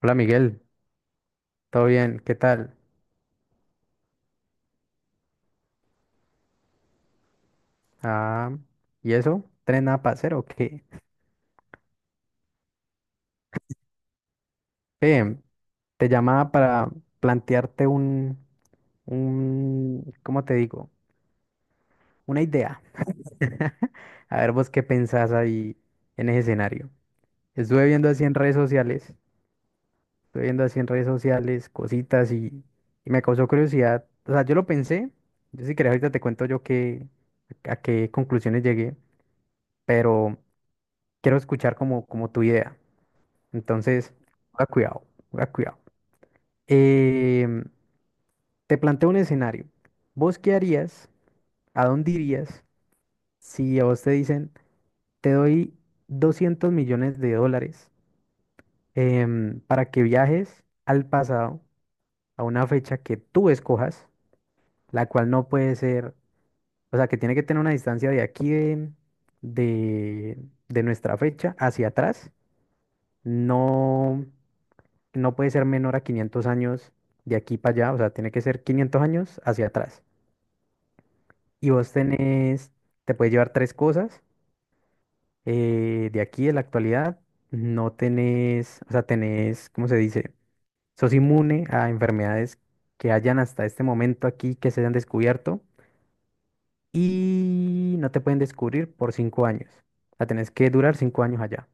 Hola Miguel, ¿todo bien? ¿Qué tal? Ah, ¿y eso? ¿Tren nada para hacer o qué? Ve, te llamaba para plantearte ¿cómo te digo? Una idea. A ver vos qué pensás ahí en ese escenario. Estuve viendo así en redes sociales, estuve viendo así en redes sociales cositas y me causó curiosidad. O sea, yo lo pensé, yo si querés ahorita te cuento a qué conclusiones llegué, pero quiero escuchar como tu idea. Entonces, a cuidado, a cuidado. Em, te planteo un escenario. ¿Vos qué harías? ¿A dónde irías si a vos te dicen, te doy $200 millones para que viajes al pasado a una fecha que tú escojas, la cual no puede ser, o sea, que tiene que tener una distancia de aquí de, de nuestra fecha hacia atrás? No, no puede ser menor a 500 años de aquí para allá, o sea, tiene que ser 500 años hacia atrás. Y vos tenés, te puedes llevar tres cosas de aquí, de la actualidad. No tenés, o sea, tenés, ¿cómo se dice? Sos inmune a enfermedades que hayan hasta este momento aquí que se hayan descubierto y no te pueden descubrir por 5 años. O sea, tenés que durar 5 años allá.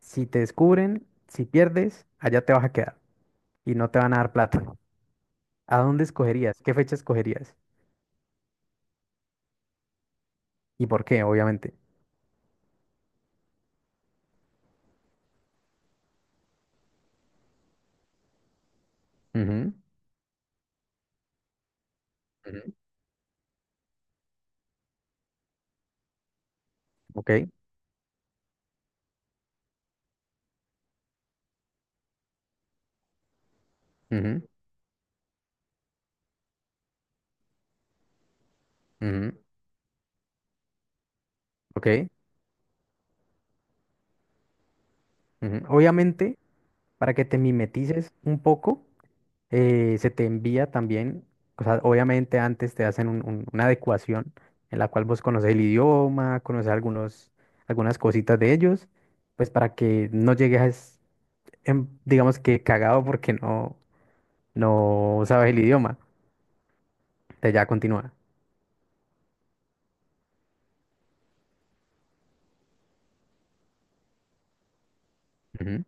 Si te descubren, si pierdes, allá te vas a quedar y no te van a dar plata. ¿A dónde escogerías? ¿Qué fecha escogerías? Y por qué, obviamente. Ujú, ujú, ok, ujú, ujú, ok, ujú. Obviamente, para que te mimetices un poco, se te envía también, o sea, obviamente antes te hacen un- una adecuación en la cual vos conoces el idioma, conoces algunas cositas de ellos, pues para que no llegues, en- digamos que cagado porque no, no sabes el idioma. Te ya continúa. Ujú,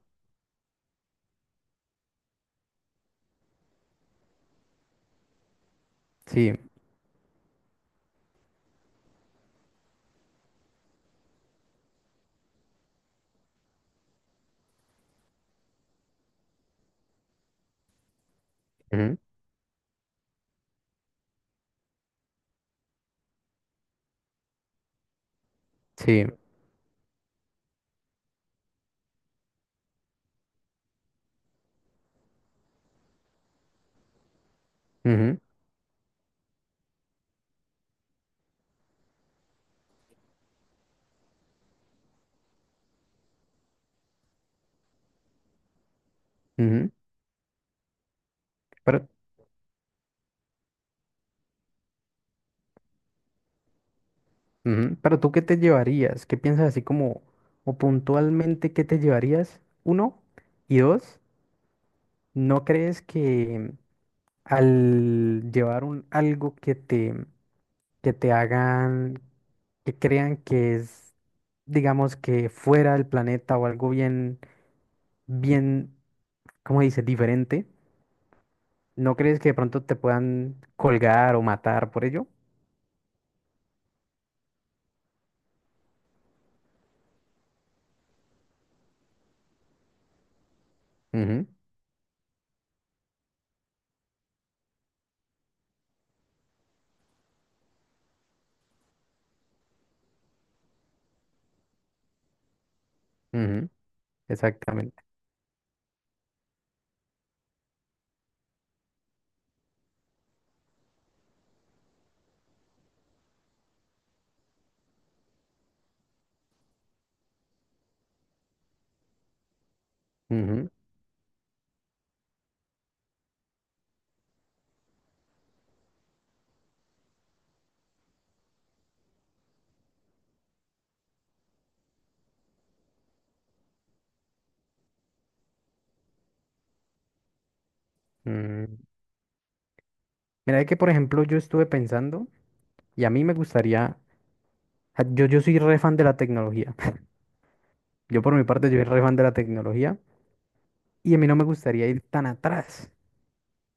sí, ujú, sí, ujú, ujú. Pero ujú, pero tú, ¿qué te llevarías? ¿Qué piensas así como, o puntualmente, qué te llevarías? Uno, y dos, ¿no crees que al llevar un algo que te hagan, que crean que es, digamos, que fuera del planeta o algo bien, ¿cómo dice? Diferente, ¿no crees que de pronto te puedan colgar o matar por ello? Ujú, ujú, exactamente. Ujú, mm, mira que, por ejemplo, yo estuve pensando y a mí me gustaría, ah, yo soy re fan de la tecnología. Yo por mi parte, yo soy re fan de la tecnología y a mí no me gustaría ir tan atrás.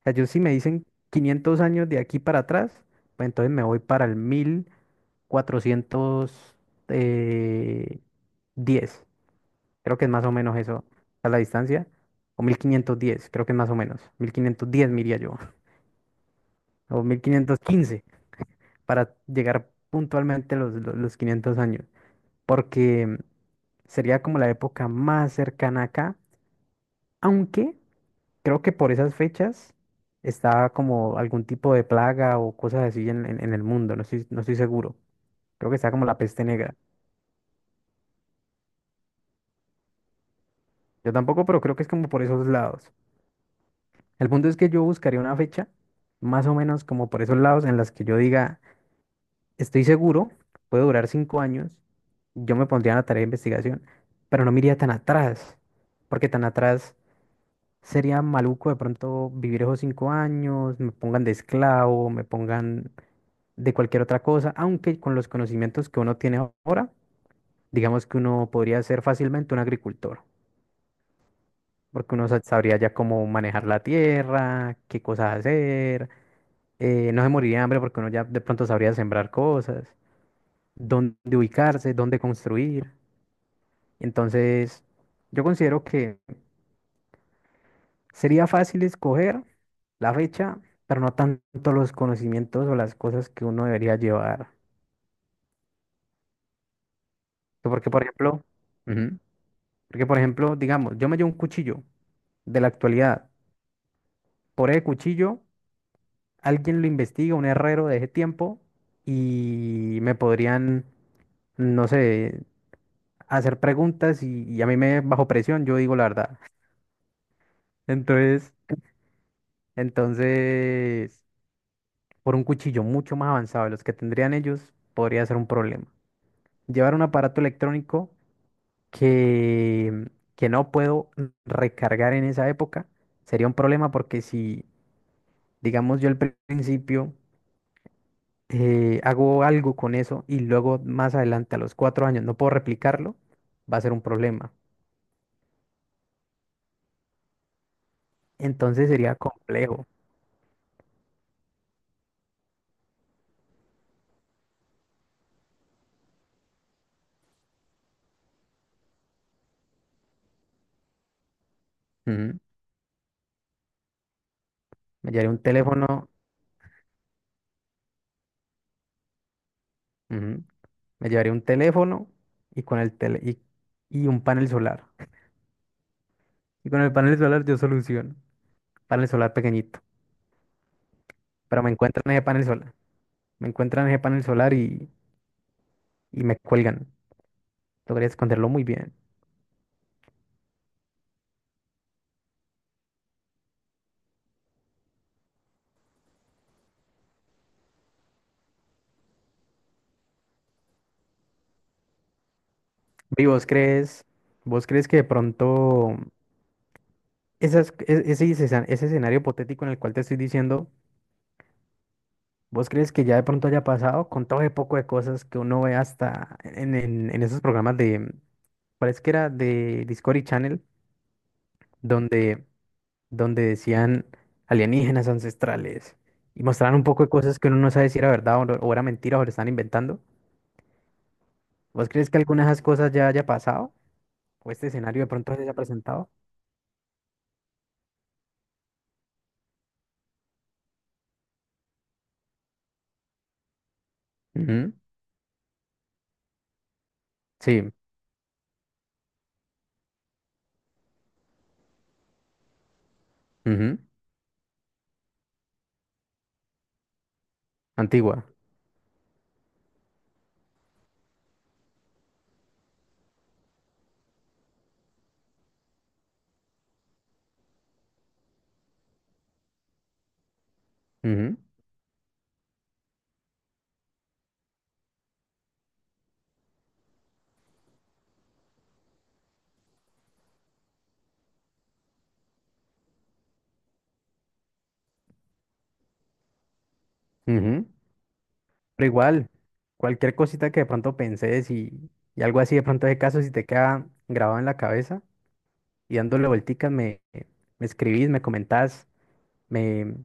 O sea, yo si me dicen 500 años de aquí para atrás, pues entonces me voy para el 1400 eh, diez, creo que es más o menos eso, a la distancia. O 1510, creo que es más o menos. 1510 me iría yo. O 1515 para llegar puntualmente a los, los 500 años, porque sería como la época más cercana acá, aunque creo que por esas fechas está como algún tipo de plaga o cosas así en el mundo, no estoy seguro. Creo que está como la peste negra. Yo tampoco, pero creo que es como por esos lados. El punto es que yo buscaría una fecha, más o menos como por esos lados, en las que yo diga, estoy seguro, puede durar 5 años, yo me pondría en la tarea de investigación, pero no me iría tan atrás, porque tan atrás sería maluco de pronto vivir esos 5 años, me pongan de esclavo, me pongan de cualquier otra cosa, aunque con los conocimientos que uno tiene ahora, digamos que uno podría ser fácilmente un agricultor, porque uno sabría ya cómo manejar la tierra, qué cosas hacer, no se moriría de hambre porque uno ya de pronto sabría sembrar cosas, dónde ubicarse, dónde construir. Entonces, yo considero sería fácil escoger la fecha, pero no tanto los conocimientos o las cosas que uno debería llevar. Porque, por ejemplo, ujú, porque, por ejemplo, digamos, yo me llevo un cuchillo de la actualidad. Por el cuchillo, alguien lo investiga, un herrero de ese tiempo, y me podrían, no sé, hacer preguntas y a mí me bajo presión, yo digo la verdad. Entonces, entonces, por un cuchillo mucho más avanzado de los que tendrían ellos, podría ser un problema. Llevar un aparato electrónico que, que no puedo recargar en esa época sería un problema porque si, digamos, yo al principio hago algo con eso y luego más adelante a los 4 años no puedo replicarlo, va a ser un problema. Entonces sería complejo. Ujú. Me llevaría un teléfono, ujú, me llevaría un teléfono y con el y un panel solar. Y con el panel solar yo soluciono. Panel solar pequeñito. Pero me encuentran ese panel solar. Me encuentran ese panel solar y me cuelgan. Logré esconderlo muy bien. ¿Y vos crees que de pronto ese escenario hipotético en el cual te estoy diciendo, vos crees que ya de pronto haya pasado con todo ese poco de cosas que uno ve hasta en esos programas de, parece que era de Discovery Channel, donde, donde decían alienígenas ancestrales y mostraban un poco de cosas que uno no sabe si era verdad o, no- o era mentira o lo están inventando? ¿Vos crees que alguna de esas cosas ya haya pasado? ¿O este escenario de pronto se ha presentado? Ujú, sí, ujú, antigua, ujú, ujú. Pero igual, cualquier cosita que de pronto pensés y algo así de pronto de caso, si te queda grabado en la cabeza y dándole vuelticas, me escribís, me comentás, me,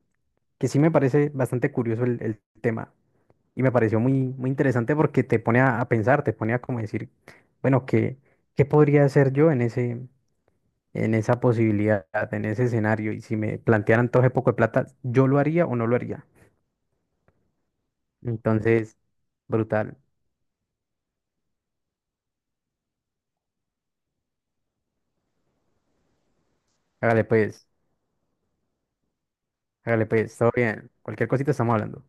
que sí me parece bastante curioso el tema. Y me pareció muy, muy interesante porque te pone a pensar, te pone a como decir, bueno, ¿qué podría hacer yo en en esa posibilidad, en ese escenario, y si me plantearan todo ese poco de plata, ¿yo lo haría o no lo haría? Entonces, brutal. Hágale pues, hágale pues, todo bien. Cualquier cosita estamos hablando.